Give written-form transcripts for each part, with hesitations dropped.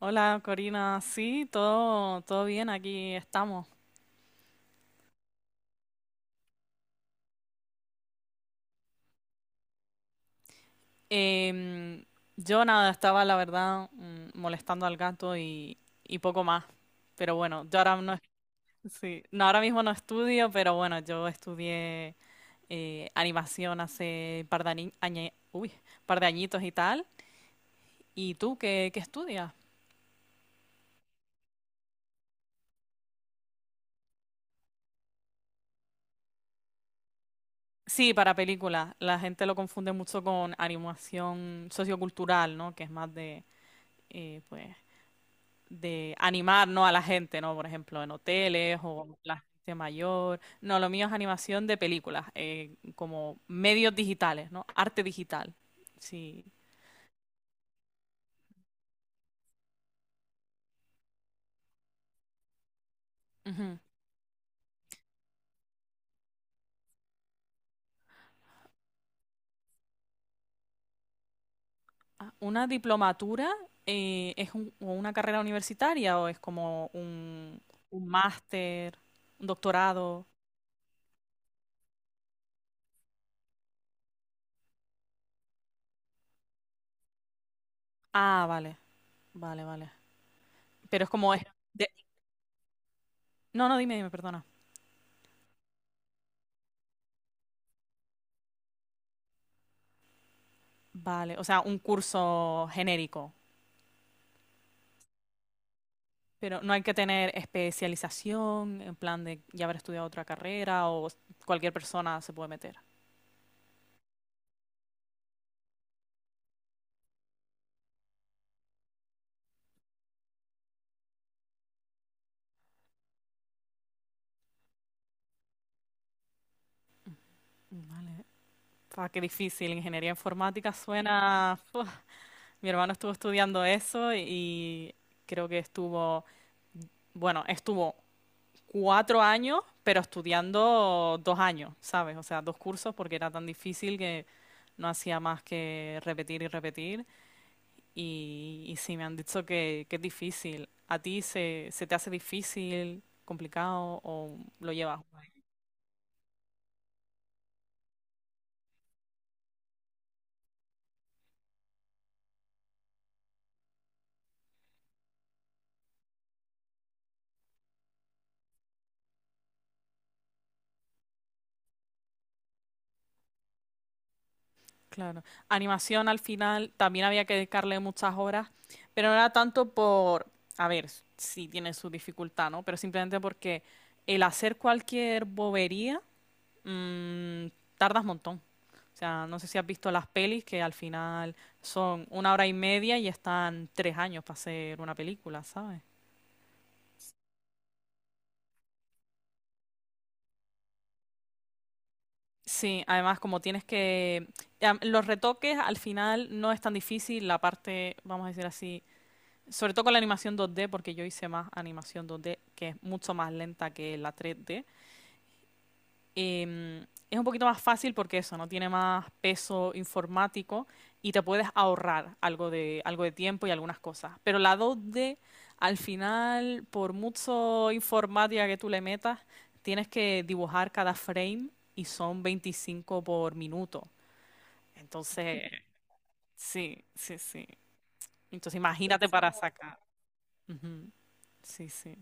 Hola Corina, sí, todo bien, aquí estamos. Em, yo nada, estaba la verdad molestando al gato y poco más. Pero bueno, yo ahora no, sí, no, ahora mismo no estudio, pero bueno, yo estudié animación hace par de, ani- añe- uy, par de añitos y tal. ¿Y tú qué estudias? Sí, para películas. La gente lo confunde mucho con animación sociocultural, ¿no? Que es más de, eh, pues, de animar, ¿no? A la gente, ¿no? Por ejemplo, en hoteles o la gente mayor. No, lo mío es animación de películas, como medios digitales, ¿no? Arte digital. Sí. Ujú. Ah, ¿una diplomatura es o una carrera universitaria o es como un máster, un doctorado? Ah, vale, vale. Pero es como de- no, no, dime, perdona. Vale, o sea, un curso genérico. Pero no hay que tener especialización en plan de ya haber estudiado otra carrera o cualquier persona se puede meter. Vale. Fa, qué difícil. Ingeniería informática suena. Mi hermano estuvo estudiando eso y creo que estuvo, bueno, estuvo cuatro años, pero estudiando dos años, ¿sabes? O sea, dos cursos porque era tan difícil que no hacía más que repetir y repetir. Y sí, me han dicho que es difícil. ¿A ti se te hace difícil, complicado o lo llevas guay? Claro. Animación al final también había que dedicarle muchas horas, pero no era tanto por, a ver, si tiene su dificultad, ¿no? Pero simplemente porque el hacer cualquier bobería mm, tardas un montón. O sea, no sé si has visto las pelis que al final son una hora y media y están tres años para hacer una película, ¿sabes? Sí, además como tienes que... Los retoques al final no es tan difícil, la parte, vamos a decir así, sobre todo con la animación 2D, porque yo hice más animación 2D, que es mucho más lenta que la 3D. Em, es un poquito más fácil porque eso, no tiene más peso informático y te puedes ahorrar algo de tiempo y algunas cosas. Pero la 2D, al final, por mucho informática que tú le metas, tienes que dibujar cada frame y son 25 por minuto. Entonces, sí, sí. Entonces, imagínate para sacar. Ujú. Sí, sí.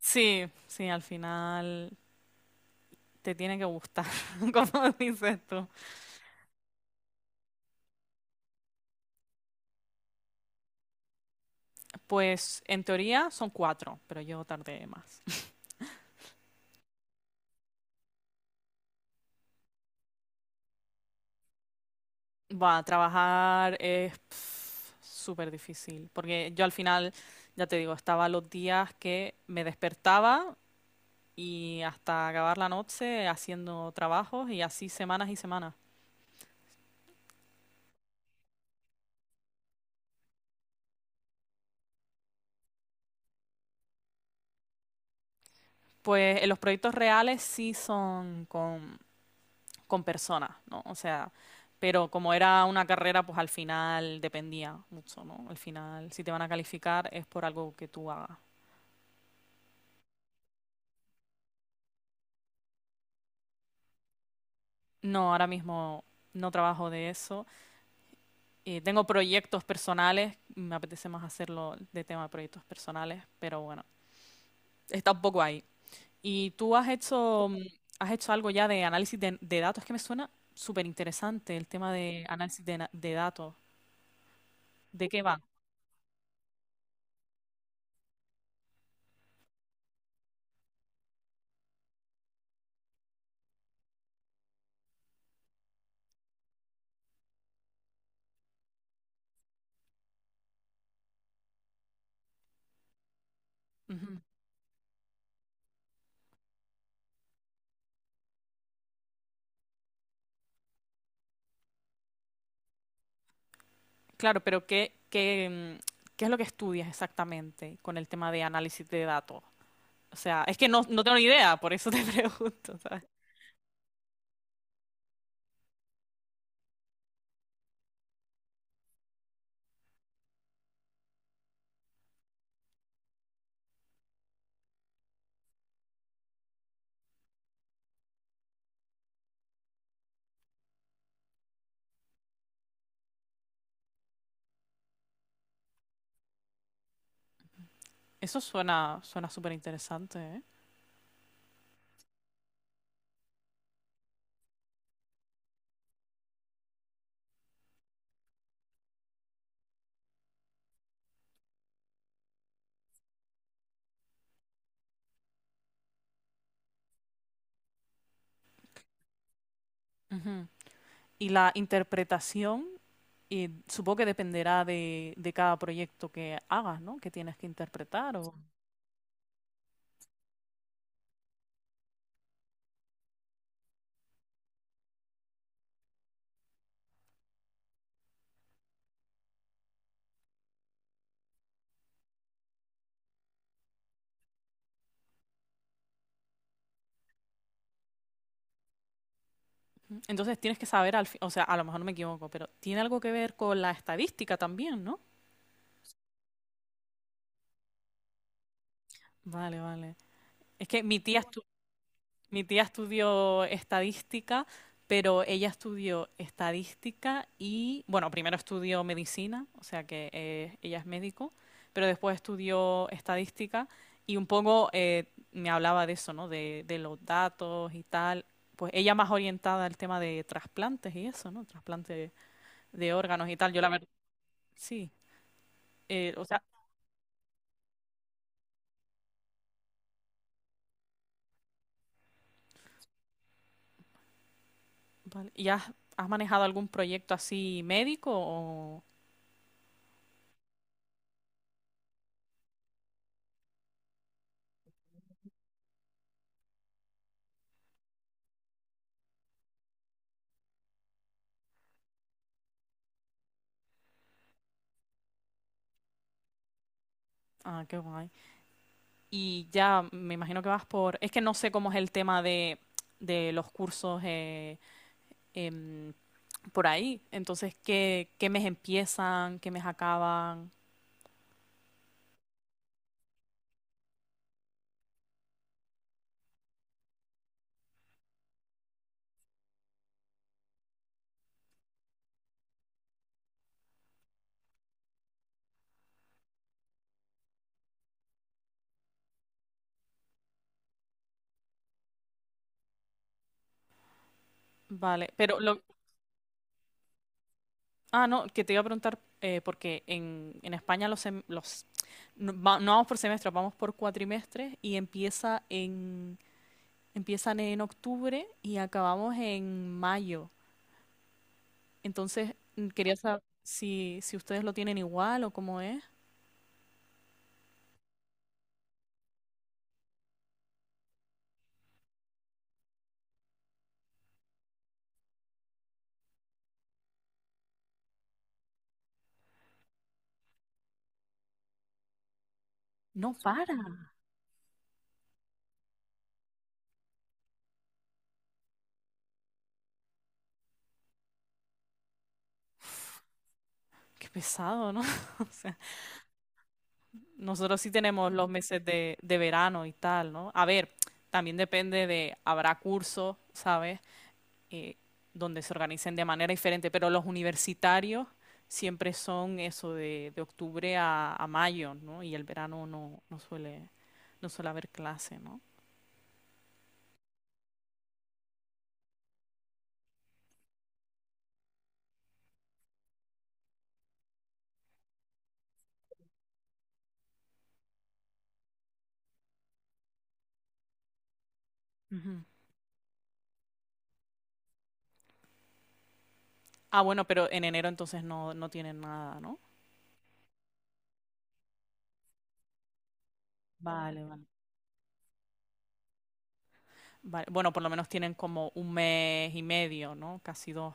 Sí, sí, al final te tiene que gustar, como dices tú. Pues en teoría son cuatro, pero yo tardé más. Va, trabajar es pf, súper difícil, porque yo al final, ya te digo, estaba los días que me despertaba y hasta acabar la noche haciendo trabajos y así semanas y semanas. Pues en los proyectos reales sí son con personas, ¿no? O sea, pero como era una carrera, pues al final dependía mucho, ¿no? Al final, si te van a calificar es por algo que tú hagas. No, ahora mismo no trabajo de eso. Tengo proyectos personales, me apetece más hacerlo de tema de proyectos personales, pero bueno, está un poco ahí. ¿Y tú has has hecho algo ya de análisis de datos? Es que me suena súper interesante el tema de análisis de datos. ¿De qué va? Ujú. Claro, pero qué es lo que estudias exactamente con el tema de análisis de datos? O sea, es que no, no tengo ni idea, por eso te pregunto, ¿sabes? Eso suena súper interesante, ¿eh? Ujú. Y la interpretación, y supongo que dependerá de cada proyecto que hagas, ¿no? Que tienes que interpretar. O... Ujú. Entonces tienes que saber al fin, o sea, a lo mejor no me equivoco, pero tiene algo que ver con la estadística también, ¿no? Vale, vale. Es que mi tía estudió estadística, pero ella estudió estadística y, bueno, primero estudió medicina, o sea que ella es médico, pero después estudió estadística y un poco me hablaba de eso, ¿no? De los datos y tal. Pues ella más orientada al tema de trasplantes y eso, ¿no? Trasplantes de órganos y tal. Yo la verdad, sí. O sea, vale. ¿Y has manejado algún proyecto así médico o...? Ah, qué guay. Y ya me imagino que vas por... Es que no sé cómo es el tema de los cursos em, por ahí. Entonces, qué mes empiezan? ¿Qué mes acaban? Vale, pero lo... Ah, no, que te iba a preguntar, porque en España los, sem- los no, no vamos por semestres, vamos por cuatrimestres y empiezan en octubre y acabamos en mayo. Entonces, quería saber si, si ustedes lo tienen igual o cómo es. No para. Qué pesado, ¿no? O sea, nosotros sí tenemos los meses de verano y tal, ¿no? A ver, también depende de, habrá cursos, ¿sabes? Eh, Donde se organicen de manera diferente, pero los universitarios siempre son eso de octubre a mayo, ¿no? Y el verano no, no suele haber clase, ¿no? Ujú. Ah, bueno, pero en enero entonces no, no tienen nada, ¿no? Vale, vale. Vale, bueno, por lo menos tienen como un mes y medio, ¿no? Casi dos.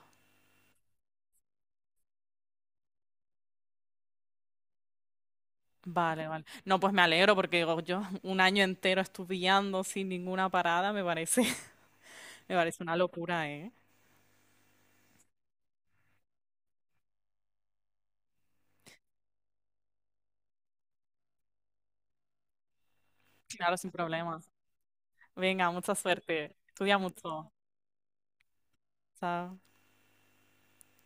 Vale, vale. No, pues me alegro porque digo, yo un año entero estudiando sin ninguna parada, me parece, me parece una locura, ¿eh? Claro, sin problemas. Venga, mucha suerte. Estudia mucho. Chao.